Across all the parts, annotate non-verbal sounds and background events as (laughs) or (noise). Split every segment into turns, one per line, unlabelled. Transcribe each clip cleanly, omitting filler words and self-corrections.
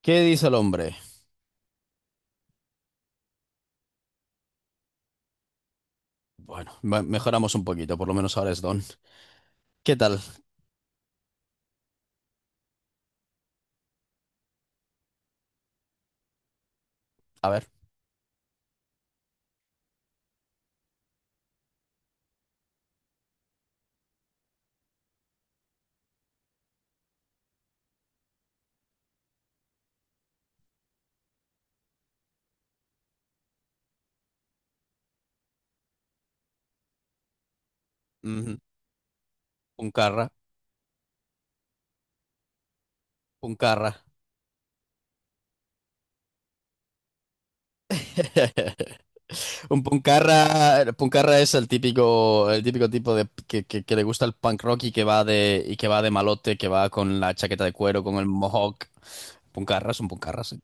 ¿Qué dice el hombre? Bueno, mejoramos un poquito, por lo menos ahora es Don. ¿Qué tal? A ver, ujú, Puncarra, Puncarra. (laughs) Un puncarra, puncarra es el típico tipo de que le gusta el punk rock y que va de malote, que va con la chaqueta de cuero, con el mohawk. Puncarra, es un puncarras, sí.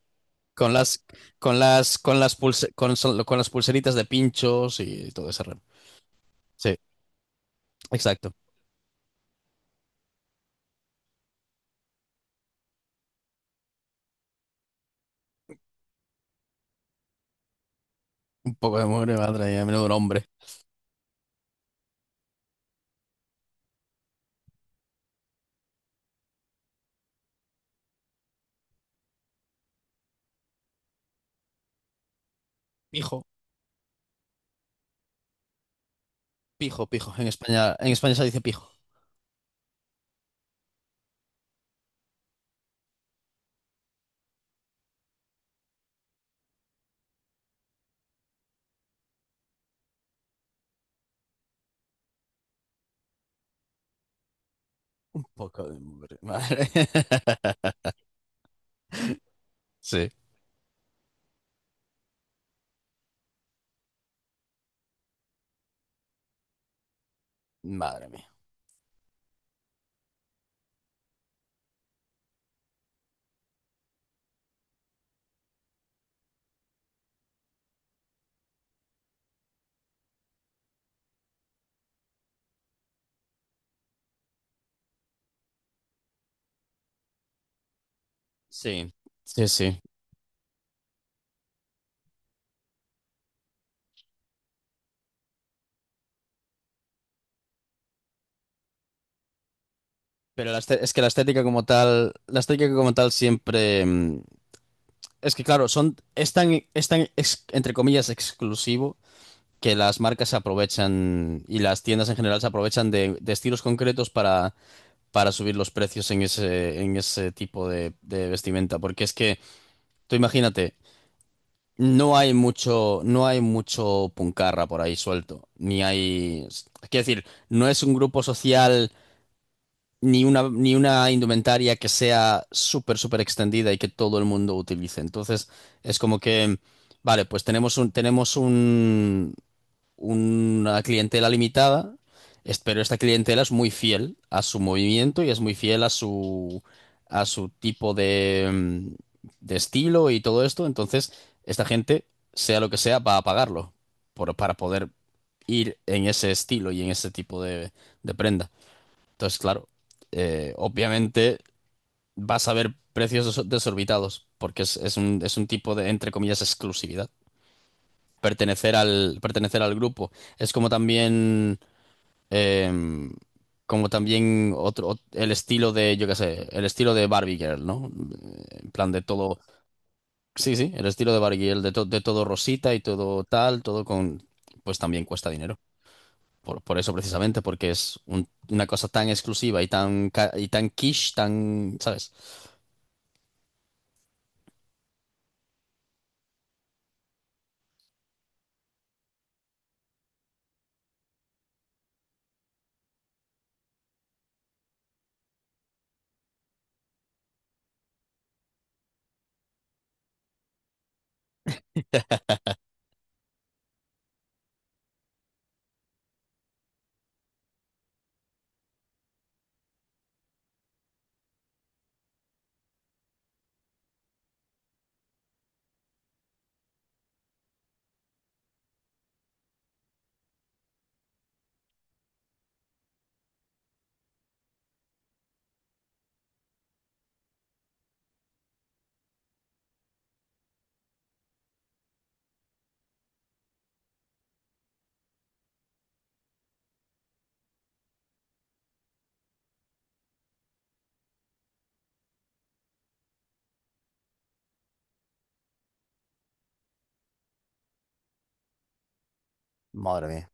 Con las, con las con las pulseritas de pinchos y todo ese rollo. Sí, exacto. Un poco de mugre madre y a menudo un hombre. Hijo. Pijo, pijo. En España se dice pijo. Poca de mugre. Madre. (laughs) Sí. Madre mía. Sí, sí, sí. Pero es que la estética como tal, la estética como tal siempre... es que claro, son, es tan, entre comillas, exclusivo, que las marcas se aprovechan y las tiendas en general se aprovechan de estilos concretos para subir los precios en ese tipo de vestimenta. Porque es que, tú imagínate, no hay mucho, no hay mucho puncarra por ahí suelto, ni hay, es decir, no es un grupo social ni una indumentaria que sea súper súper extendida y que todo el mundo utilice. Entonces, es como que, vale, pues tenemos una clientela limitada, pero esta clientela es muy fiel a su movimiento y es muy fiel a su tipo de, de estilo y todo esto. Entonces, esta gente, sea lo que sea, va a pagarlo para poder ir en ese estilo y en ese tipo de prenda. Entonces, claro, obviamente vas a ver precios desorbitados porque es un tipo de, entre comillas, exclusividad pertenecer al grupo. Es como también, em, como también el estilo de, yo qué sé, el estilo de Barbie Girl, ¿no? En plan de todo, sí, sí, el estilo de Barbie Girl, de, de todo rosita y todo tal, todo con, pues también cuesta dinero. Por eso precisamente, porque es una cosa tan exclusiva y tan, y tan quiche, tan, ¿sabes? Madre mía.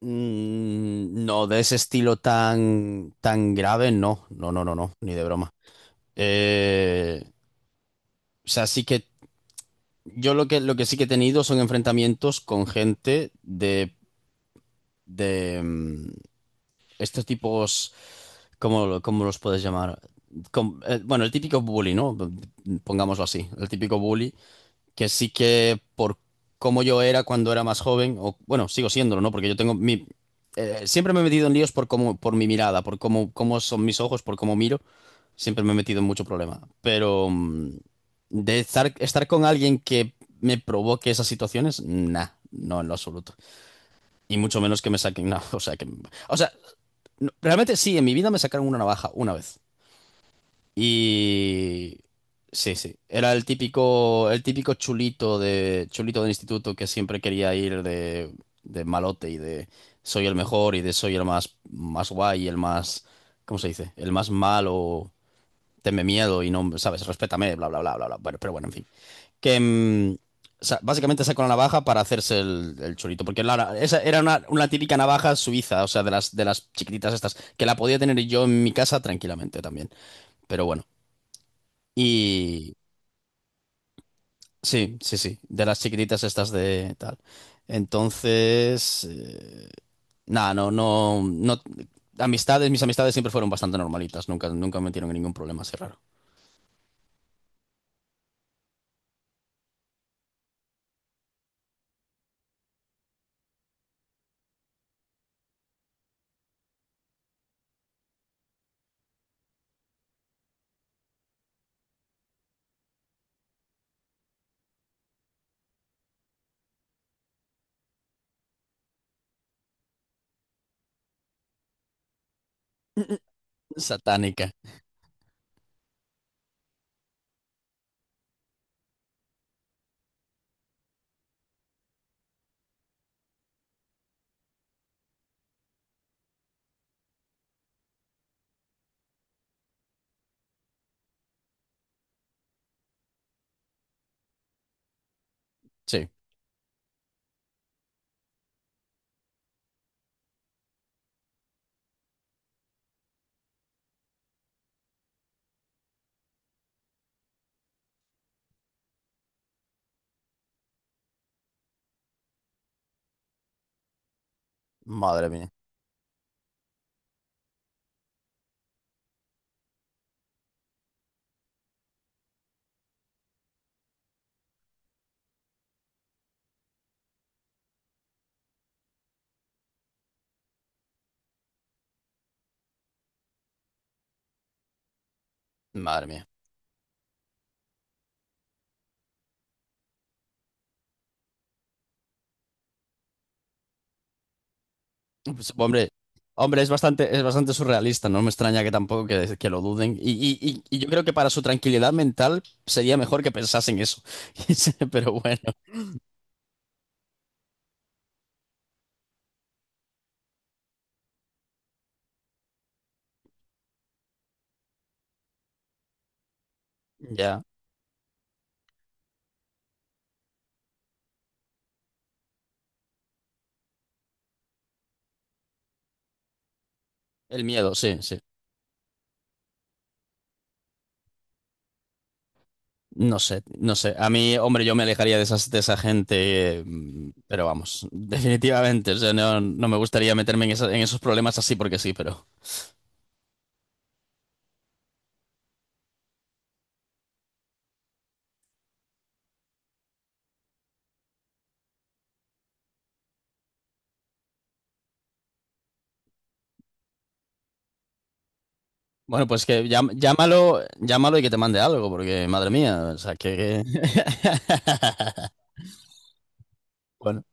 No, de ese estilo tan, tan grave, no, no, no, no, no, ni de broma. Eh, o sea, sí que yo lo que sí que he tenido son enfrentamientos con gente de estos tipos, ¿cómo, cómo los puedes llamar? Bueno, el típico bully, ¿no? Pongámoslo así, el típico bully que sí que por cómo yo era cuando era más joven, o bueno, sigo siéndolo, ¿no? Porque yo tengo mi... siempre me he metido en líos por cómo, por mi mirada, por cómo, cómo son mis ojos, por cómo miro. Siempre me he metido en mucho problema. Pero de estar, estar con alguien que me provoque esas situaciones, nah, no en lo absoluto. Y mucho menos que me saquen una... (laughs) O sea, que, o sea, no, realmente sí, en mi vida me sacaron una navaja una vez. Y sí, sí, era el típico chulito de, chulito del instituto que siempre quería ir de malote y de soy el mejor y de soy el más, más guay y el más, ¿cómo se dice? El más malo, tenme miedo y no, ¿sabes? Respétame, bla, bla, bla, bla, bla. Bueno, pero bueno, en fin. Que básicamente sacó la navaja para hacerse el chulito, porque esa era una típica navaja suiza, o sea, de las chiquititas estas, que la podía tener yo en mi casa tranquilamente también. Pero bueno. Y sí, sí, sí, de las chiquititas estas de tal. Entonces, nada, no, no, no. Amistades, mis amistades siempre fueron bastante normalitas, nunca, nunca me metieron en ningún problema así raro. Satánica, sí, madre mía, madre mía. Pues, hombre, hombre, es bastante surrealista, no me extraña que tampoco que, que lo duden. Y yo creo que para su tranquilidad mental sería mejor que pensasen eso. (laughs) Pero bueno, ya, el miedo, sí, sí. No sé, no sé. A mí, hombre, yo me alejaría de esas, de esa gente, pero vamos, (laughs) definitivamente. O sea, no, no me gustaría meterme en, en esos problemas así porque sí, pero. Bueno, pues que llámalo, llámalo y que te mande algo, porque madre mía, o sea, que. (laughs) Bueno,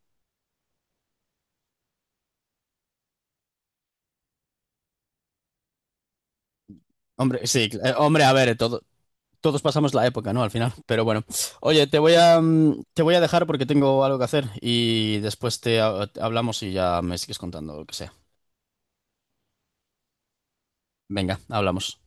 hombre, sí, hombre, a ver, todos pasamos la época, ¿no? Al final, pero bueno. Oye, te voy a, te voy a dejar porque tengo algo que hacer y después hablamos y ya me sigues contando lo que sea. Venga, hablamos.